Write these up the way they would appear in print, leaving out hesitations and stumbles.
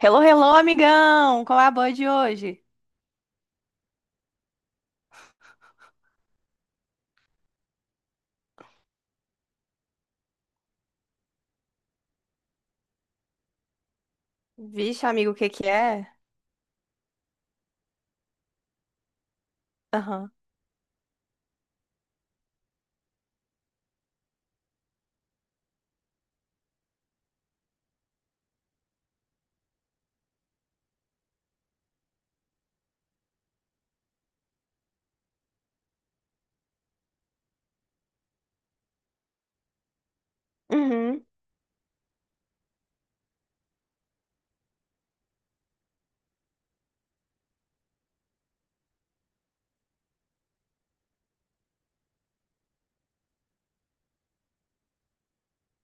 Hello, hello, amigão! Qual é a boa de hoje? Vixe, amigo, o que que é? Aham. Uhum.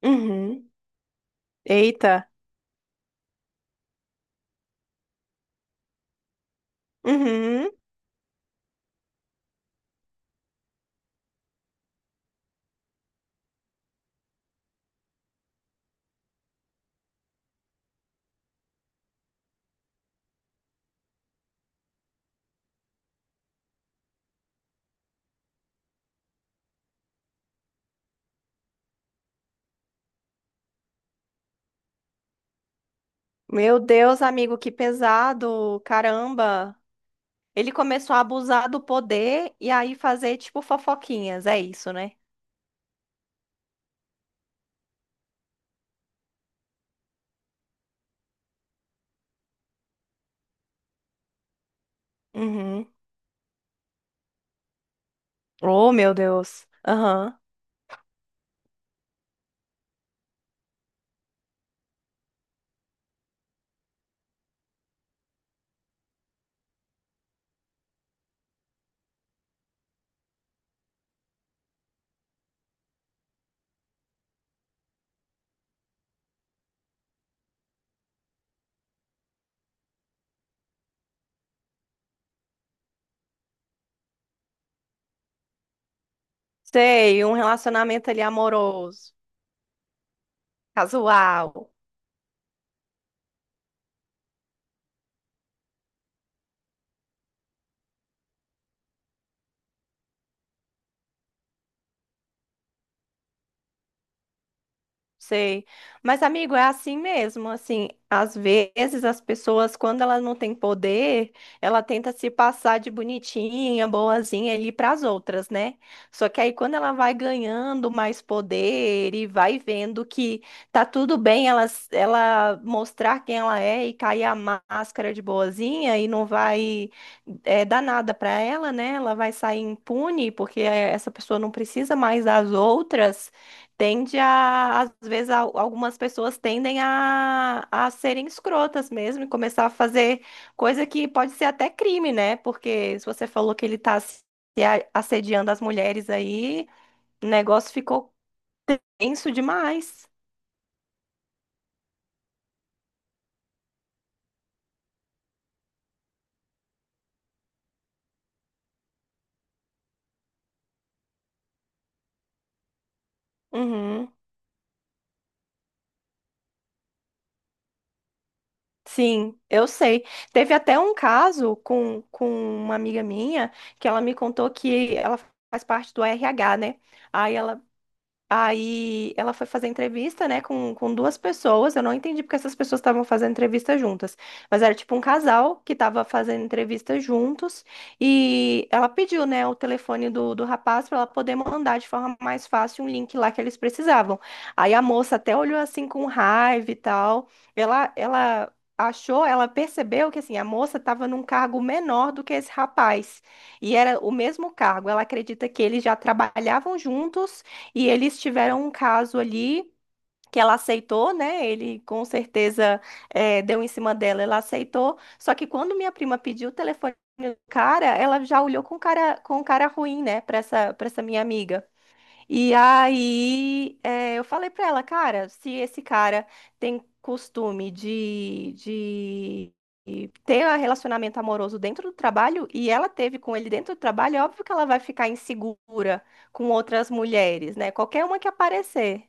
Uhum. Eita. Uhum. Meu Deus, amigo, que pesado! Caramba! Ele começou a abusar do poder e aí fazer, tipo, fofoquinhas. É isso, né? Uhum. Oh, meu Deus. Aham. Sei, um relacionamento ali amoroso, casual. Sei. Mas, amigo, é assim mesmo. Assim, às vezes as pessoas, quando elas não têm poder, ela tenta se passar de bonitinha, boazinha ali para as outras, né? Só que aí, quando ela vai ganhando mais poder e vai vendo que tá tudo bem ela, s- ela mostrar quem ela é e cair a máscara de boazinha e não vai dar nada para ela, né? Ela vai sair impune, porque essa pessoa não precisa mais das outras tende a, às vezes, al- algumas pessoas tendem a serem escrotas mesmo e começar a fazer coisa que pode ser até crime, né? Porque se você falou que ele tá se a- assediando as mulheres aí, o negócio ficou tenso demais. Uhum. Sim, eu sei. Teve até um caso com uma amiga minha que ela me contou que ela faz parte do RH, né? Aí ela. Aí ela foi fazer entrevista, né, com duas pessoas. Eu não entendi porque essas pessoas estavam fazendo entrevista juntas. Mas era tipo um casal que estava fazendo entrevista juntos. E ela pediu, né, o telefone do rapaz para ela poder mandar de forma mais fácil um link lá que eles precisavam. Aí a moça até olhou assim com raiva e tal. Ela achou, ela percebeu que assim, a moça estava num cargo menor do que esse rapaz. E era o mesmo cargo. Ela acredita que eles já trabalhavam juntos e eles tiveram um caso ali que ela aceitou, né? Ele com certeza deu em cima dela, ela aceitou. Só que quando minha prima pediu o telefone do cara, ela já olhou com cara ruim, né, para essa minha amiga. E aí, eu falei pra ela, cara, se esse cara tem costume de, de ter um relacionamento amoroso dentro do trabalho e ela teve com ele dentro do trabalho, é óbvio que ela vai ficar insegura com outras mulheres, né? Qualquer uma que aparecer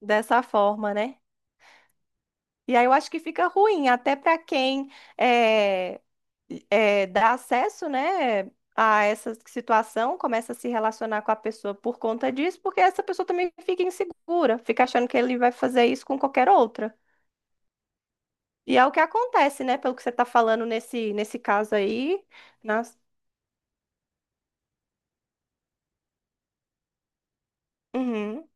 dessa forma, né? E aí eu acho que fica ruim até pra quem é, dá acesso, né, a essa situação, começa a se relacionar com a pessoa por conta disso, porque essa pessoa também fica insegura, fica achando que ele vai fazer isso com qualquer outra. E é o que acontece, né, pelo que você está falando nesse, nesse caso aí. Nas... Uhum.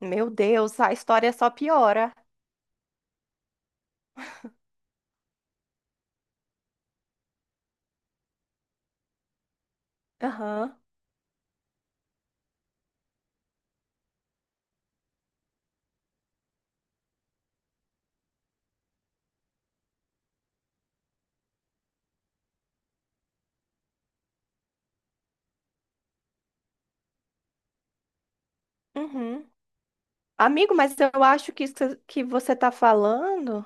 Meu Deus, a história só piora. Aham. Uhum. Amigo, mas eu acho que isso que você está falando.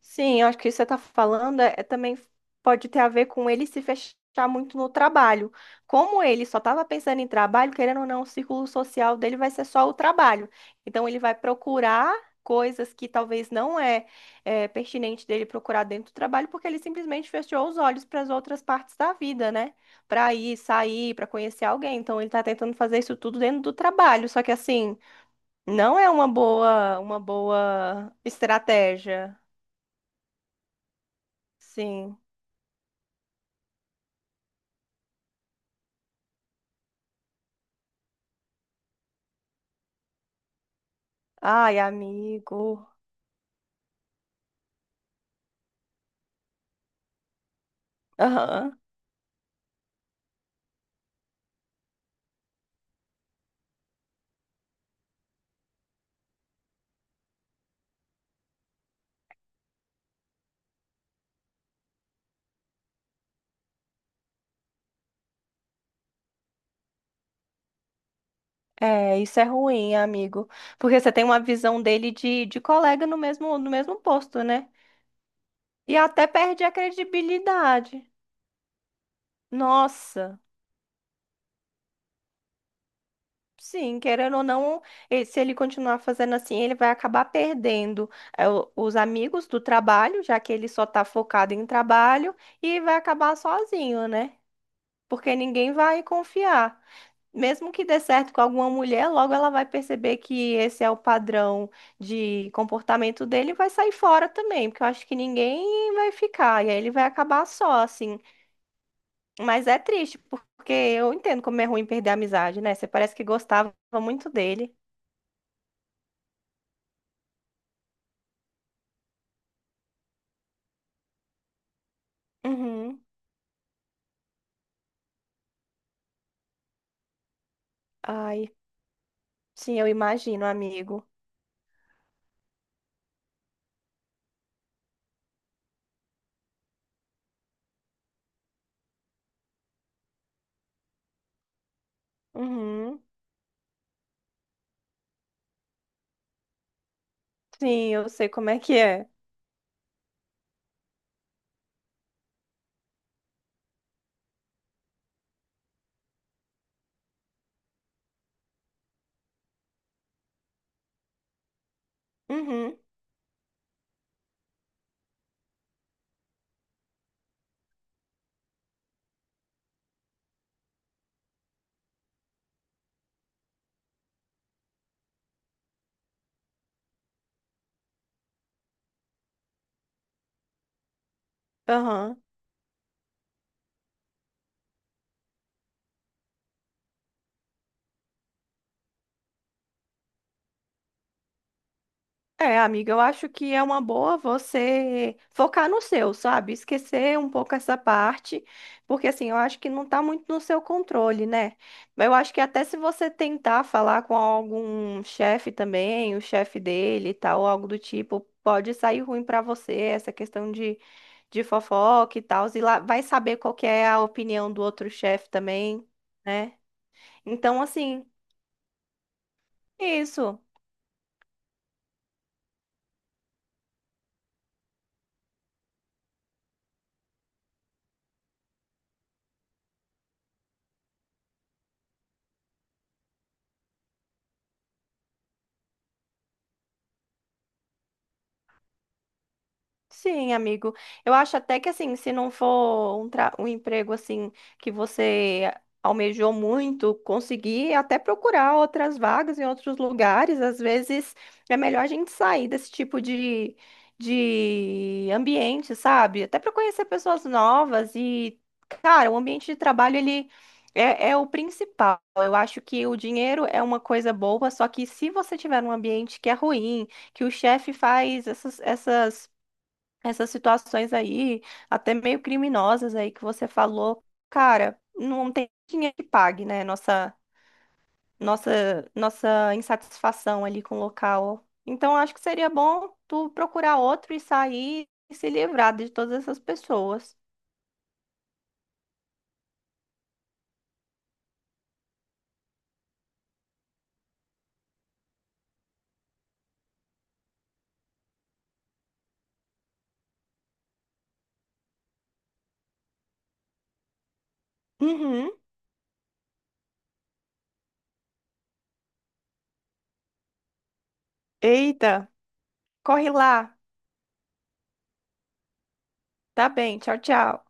Sim, eu acho que isso que você está falando é também pode ter a ver com ele se fechar muito no trabalho. Como ele só estava pensando em trabalho, querendo ou não, o círculo social dele vai ser só o trabalho. Então ele vai procurar coisas que talvez não é, é pertinente dele procurar dentro do trabalho, porque ele simplesmente fechou os olhos para as outras partes da vida, né? Para ir, sair, para conhecer alguém. Então ele está tentando fazer isso tudo dentro do trabalho. Só que assim, não é uma boa estratégia. Sim. Ai, amigo. Aham. É, isso é ruim, amigo. Porque você tem uma visão dele de colega no mesmo, no mesmo posto, né? E até perde a credibilidade. Nossa. Sim, querendo ou não, e- se ele continuar fazendo assim, ele vai acabar perdendo o- os amigos do trabalho, já que ele só tá focado em trabalho, e vai acabar sozinho, né? Porque ninguém vai confiar. Mesmo que dê certo com alguma mulher, logo ela vai perceber que esse é o padrão de comportamento dele e vai sair fora também, porque eu acho que ninguém vai ficar, e aí ele vai acabar só, assim. Mas é triste, porque eu entendo como é ruim perder a amizade, né? Você parece que gostava muito dele. Uhum. Ai, sim, eu imagino, amigo. Uhum. Sim, eu sei como é que é. Uhum. Aham. É, amiga, eu acho que é uma boa você focar no seu, sabe? Esquecer um pouco essa parte, porque assim, eu acho que não tá muito no seu controle, né? Eu acho que até se você tentar falar com algum chefe também, o chefe dele e tal, algo do tipo, pode sair ruim pra você essa questão de fofoca e tal, e lá vai saber qual que é a opinião do outro chefe também, né? Então, assim, isso. Sim, amigo. Eu acho até que assim, se não for um, tra- um emprego assim que você almejou muito, conseguir até procurar outras vagas em outros lugares, às vezes é melhor a gente sair desse tipo de ambiente, sabe? Até para conhecer pessoas novas e, cara, o ambiente de trabalho ele é o principal. Eu acho que o dinheiro é uma coisa boa, só que se você tiver um ambiente que é ruim, que o chefe faz essas essas situações aí, até meio criminosas aí que você falou, cara, não tem dinheiro que pague, né? Nossa insatisfação ali com o local. Então, acho que seria bom tu procurar outro e sair e se livrar de todas essas pessoas. Uhum. Eita, corre lá. Tá bem, tchau, tchau.